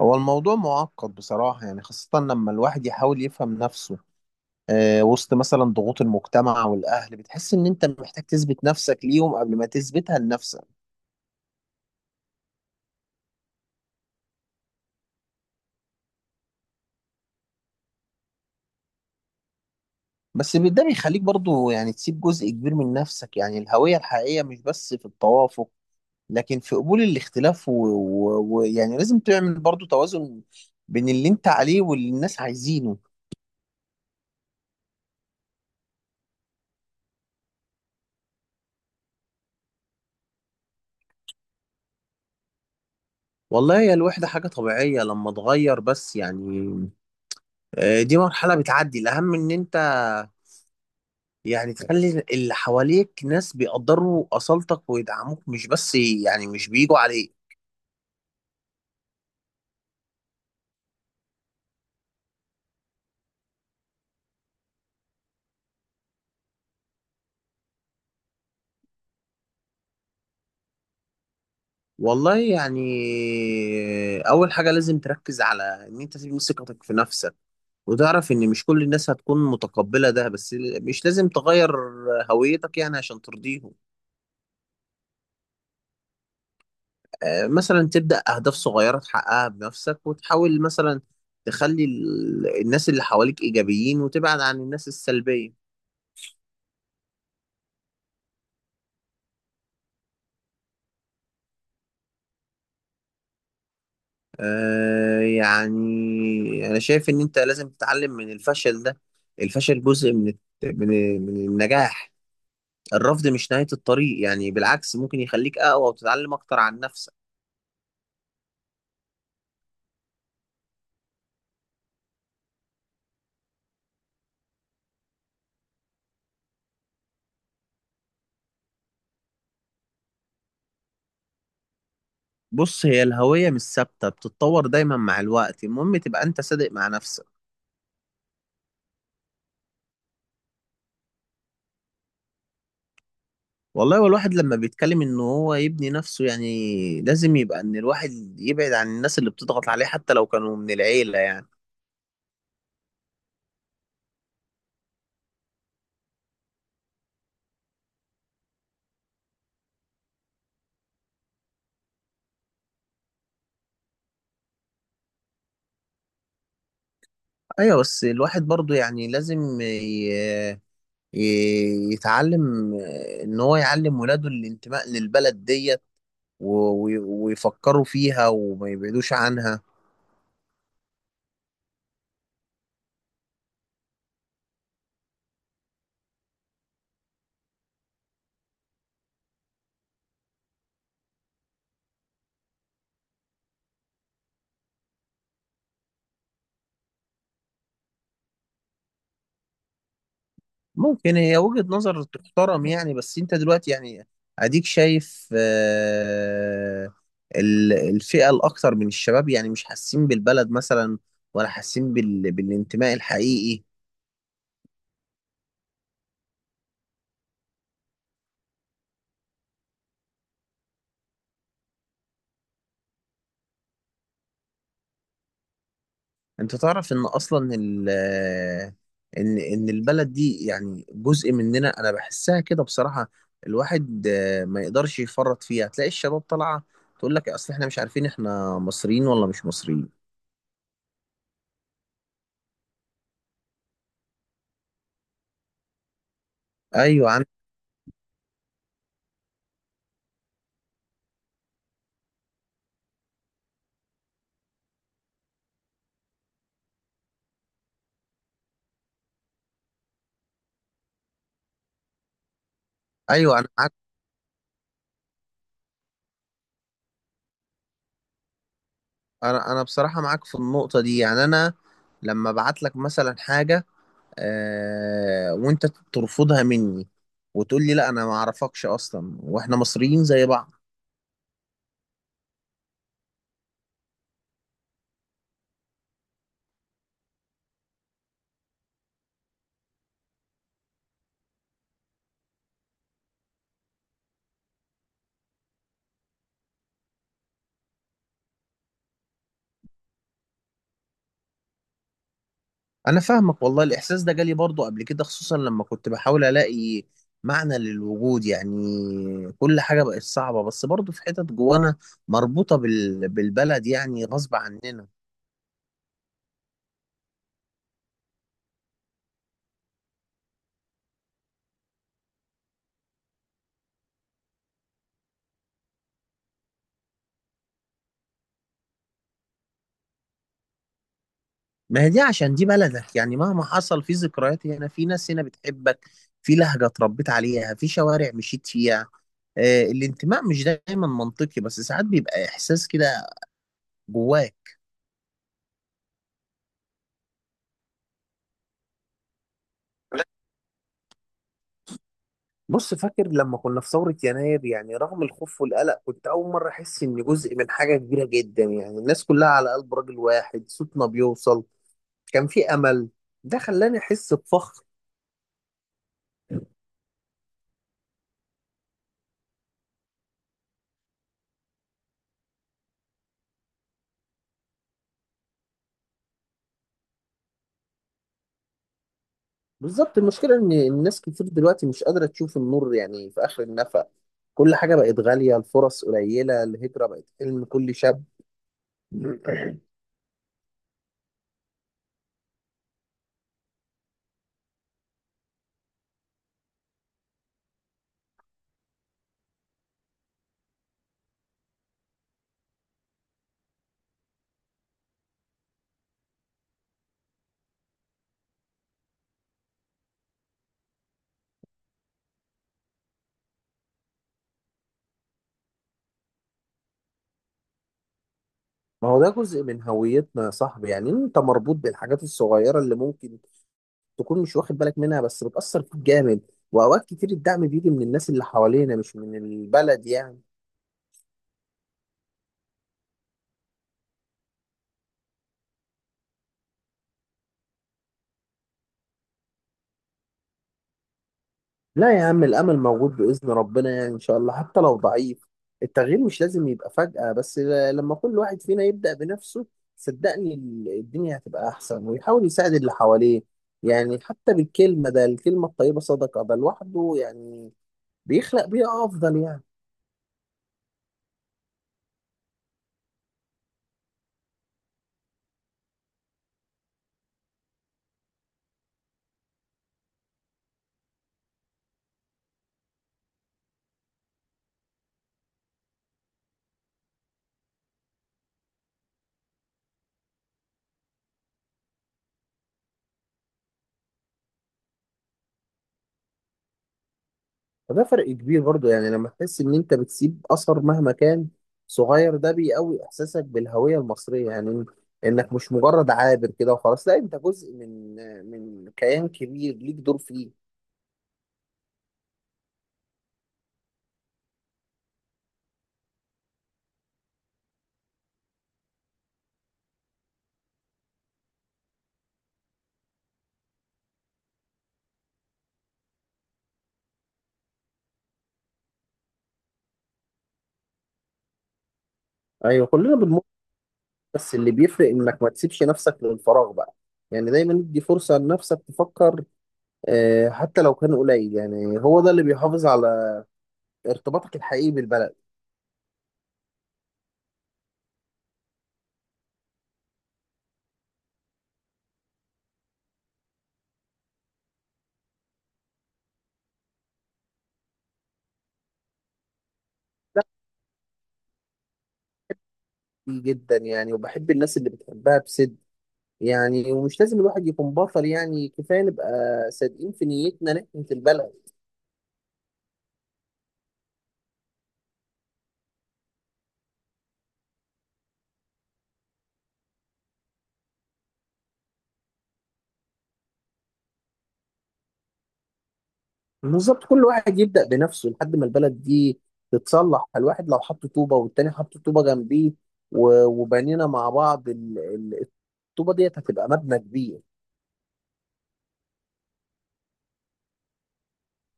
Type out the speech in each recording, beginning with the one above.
هو الموضوع معقد بصراحة يعني، خاصة لما الواحد يحاول يفهم نفسه. وسط مثلا ضغوط المجتمع والأهل بتحس إن أنت محتاج تثبت نفسك ليهم قبل ما تثبتها لنفسك. بس ده بيخليك برضو يعني تسيب جزء كبير من نفسك. يعني الهوية الحقيقية مش بس في التوافق، لكن في قبول الاختلاف ويعني لازم تعمل برضو توازن بين اللي أنت عليه واللي الناس عايزينه. والله هي الوحدة حاجة طبيعية لما تغير، بس يعني دي مرحلة بتعدي. الأهم إن أنت يعني تخلي اللي حواليك ناس بيقدروا أصالتك ويدعموك، مش بس يعني مش بيجوا عليك. والله يعني أول حاجة لازم تركز على إن أنت تبني ثقتك في نفسك، وتعرف إن مش كل الناس هتكون متقبلة ده، بس مش لازم تغير هويتك يعني عشان ترضيهم. مثلا تبدأ أهداف صغيرة تحققها بنفسك، وتحاول مثلا تخلي الناس اللي حواليك إيجابيين وتبعد عن الناس السلبية. آه يعني أنا شايف إن أنت لازم تتعلم من الفشل ده. الفشل جزء من من النجاح. الرفض مش نهاية الطريق، يعني بالعكس ممكن يخليك أقوى وتتعلم أكتر عن نفسك. بص، هي الهوية مش ثابتة، بتتطور دايما مع الوقت. المهم تبقى أنت صادق مع نفسك. والله والواحد لما بيتكلم إن هو يبني نفسه يعني لازم يبقى إن الواحد يبعد عن الناس اللي بتضغط عليه، حتى لو كانوا من العيلة يعني. أيوة، بس الواحد برضه يعني لازم يتعلم، ان هو يعلم ولاده الانتماء للبلد ديت، و- ويفكروا فيها وما يبعدوش عنها. ممكن هي وجهة نظر تحترم يعني، بس انت دلوقتي يعني اديك شايف، الفئة الاكثر من الشباب يعني مش حاسين بالبلد مثلا، ولا حاسين بالانتماء الحقيقي. انت تعرف ان اصلا ال ان ان البلد دي يعني جزء مننا. انا بحسها كده بصراحة. الواحد ما يقدرش يفرط فيها. تلاقي الشباب طالعة تقول لك اصل احنا مش عارفين احنا مصريين ولا مش مصريين. ايوه. عن ايوه، انا معاك. انا بصراحة معاك في النقطة دي، يعني انا لما ابعت لك مثلا حاجة، وانت ترفضها مني وتقول لي لا انا ما اعرفكش اصلا، واحنا مصريين زي بعض. انا فاهمك، والله الاحساس ده جالي برضو قبل كده، خصوصا لما كنت بحاول الاقي معنى للوجود يعني. كل حاجة بقت صعبة، بس برضو في حتت جوانا مربوطة بالبلد يعني غصب عننا. ما هي دي عشان دي بلدك يعني. مهما حصل، في ذكريات هنا، في ناس هنا بتحبك، في لهجة اتربيت عليها، في شوارع مشيت فيها. الانتماء مش دايما منطقي، بس ساعات بيبقى احساس كده جواك. بص، فاكر لما كنا في ثورة يناير؟ يعني رغم الخوف والقلق، كنت أول مرة أحس إني جزء من حاجة كبيرة جدا. يعني الناس كلها على قلب راجل واحد، صوتنا بيوصل، كان في أمل. ده خلاني أحس بفخر. بالظبط، المشكلة إن الناس كتير دلوقتي مش قادرة تشوف النور يعني في آخر النفق. كل حاجة بقت غالية، الفرص قليلة، الهجرة بقت حلم كل شاب. ما هو ده جزء من هويتنا يا صاحبي. يعني أنت مربوط بالحاجات الصغيرة اللي ممكن تكون مش واخد بالك منها، بس بتأثر فيك جامد. وأوقات كتير الدعم بيجي من الناس اللي حوالينا، مش من البلد يعني. لا يا عم، الأمل موجود بإذن ربنا، يعني إن شاء الله حتى لو ضعيف. التغيير مش لازم يبقى فجأة، بس لما كل واحد فينا يبدأ بنفسه، صدقني الدنيا هتبقى أحسن، ويحاول يساعد اللي حواليه، يعني حتى بالكلمة. ده الكلمة الطيبة صدقة، ده لوحده يعني بيخلق بيئة أفضل يعني. فده فرق كبير برضو، يعني لما تحس ان انت بتسيب اثر مهما كان صغير، ده بيقوي احساسك بالهوية المصرية. يعني انك مش مجرد عابر كده وخلاص، لا انت جزء من من كيان كبير ليك دور فيه. ايوه، كلنا بنمر، بس اللي بيفرق انك ما تسيبش نفسك للفراغ بقى. يعني دايما ادي فرصة لنفسك تفكر، حتى لو كان قليل، يعني هو ده اللي بيحافظ على ارتباطك الحقيقي بالبلد. ده كتير جدا يعني، وبحب الناس اللي بتحبها بصدق. يعني ومش لازم الواحد يكون بطل، يعني كفايه نبقى صادقين في نيتنا ناحيه البلد. بالظبط، كل واحد يبدا بنفسه لحد ما البلد دي تتصلح. الواحد لو حط طوبه والتاني حط طوبه جنبيه، وبنينا مع بعض، الطوبه ديت هتبقى مبنى كبير.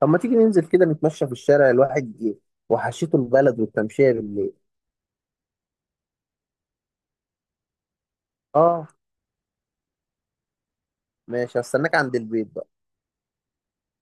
طب ما تيجي ننزل كده نتمشى في الشارع، الواحد وحشته البلد والتمشيه بالليل. اه ماشي، هستناك عند البيت.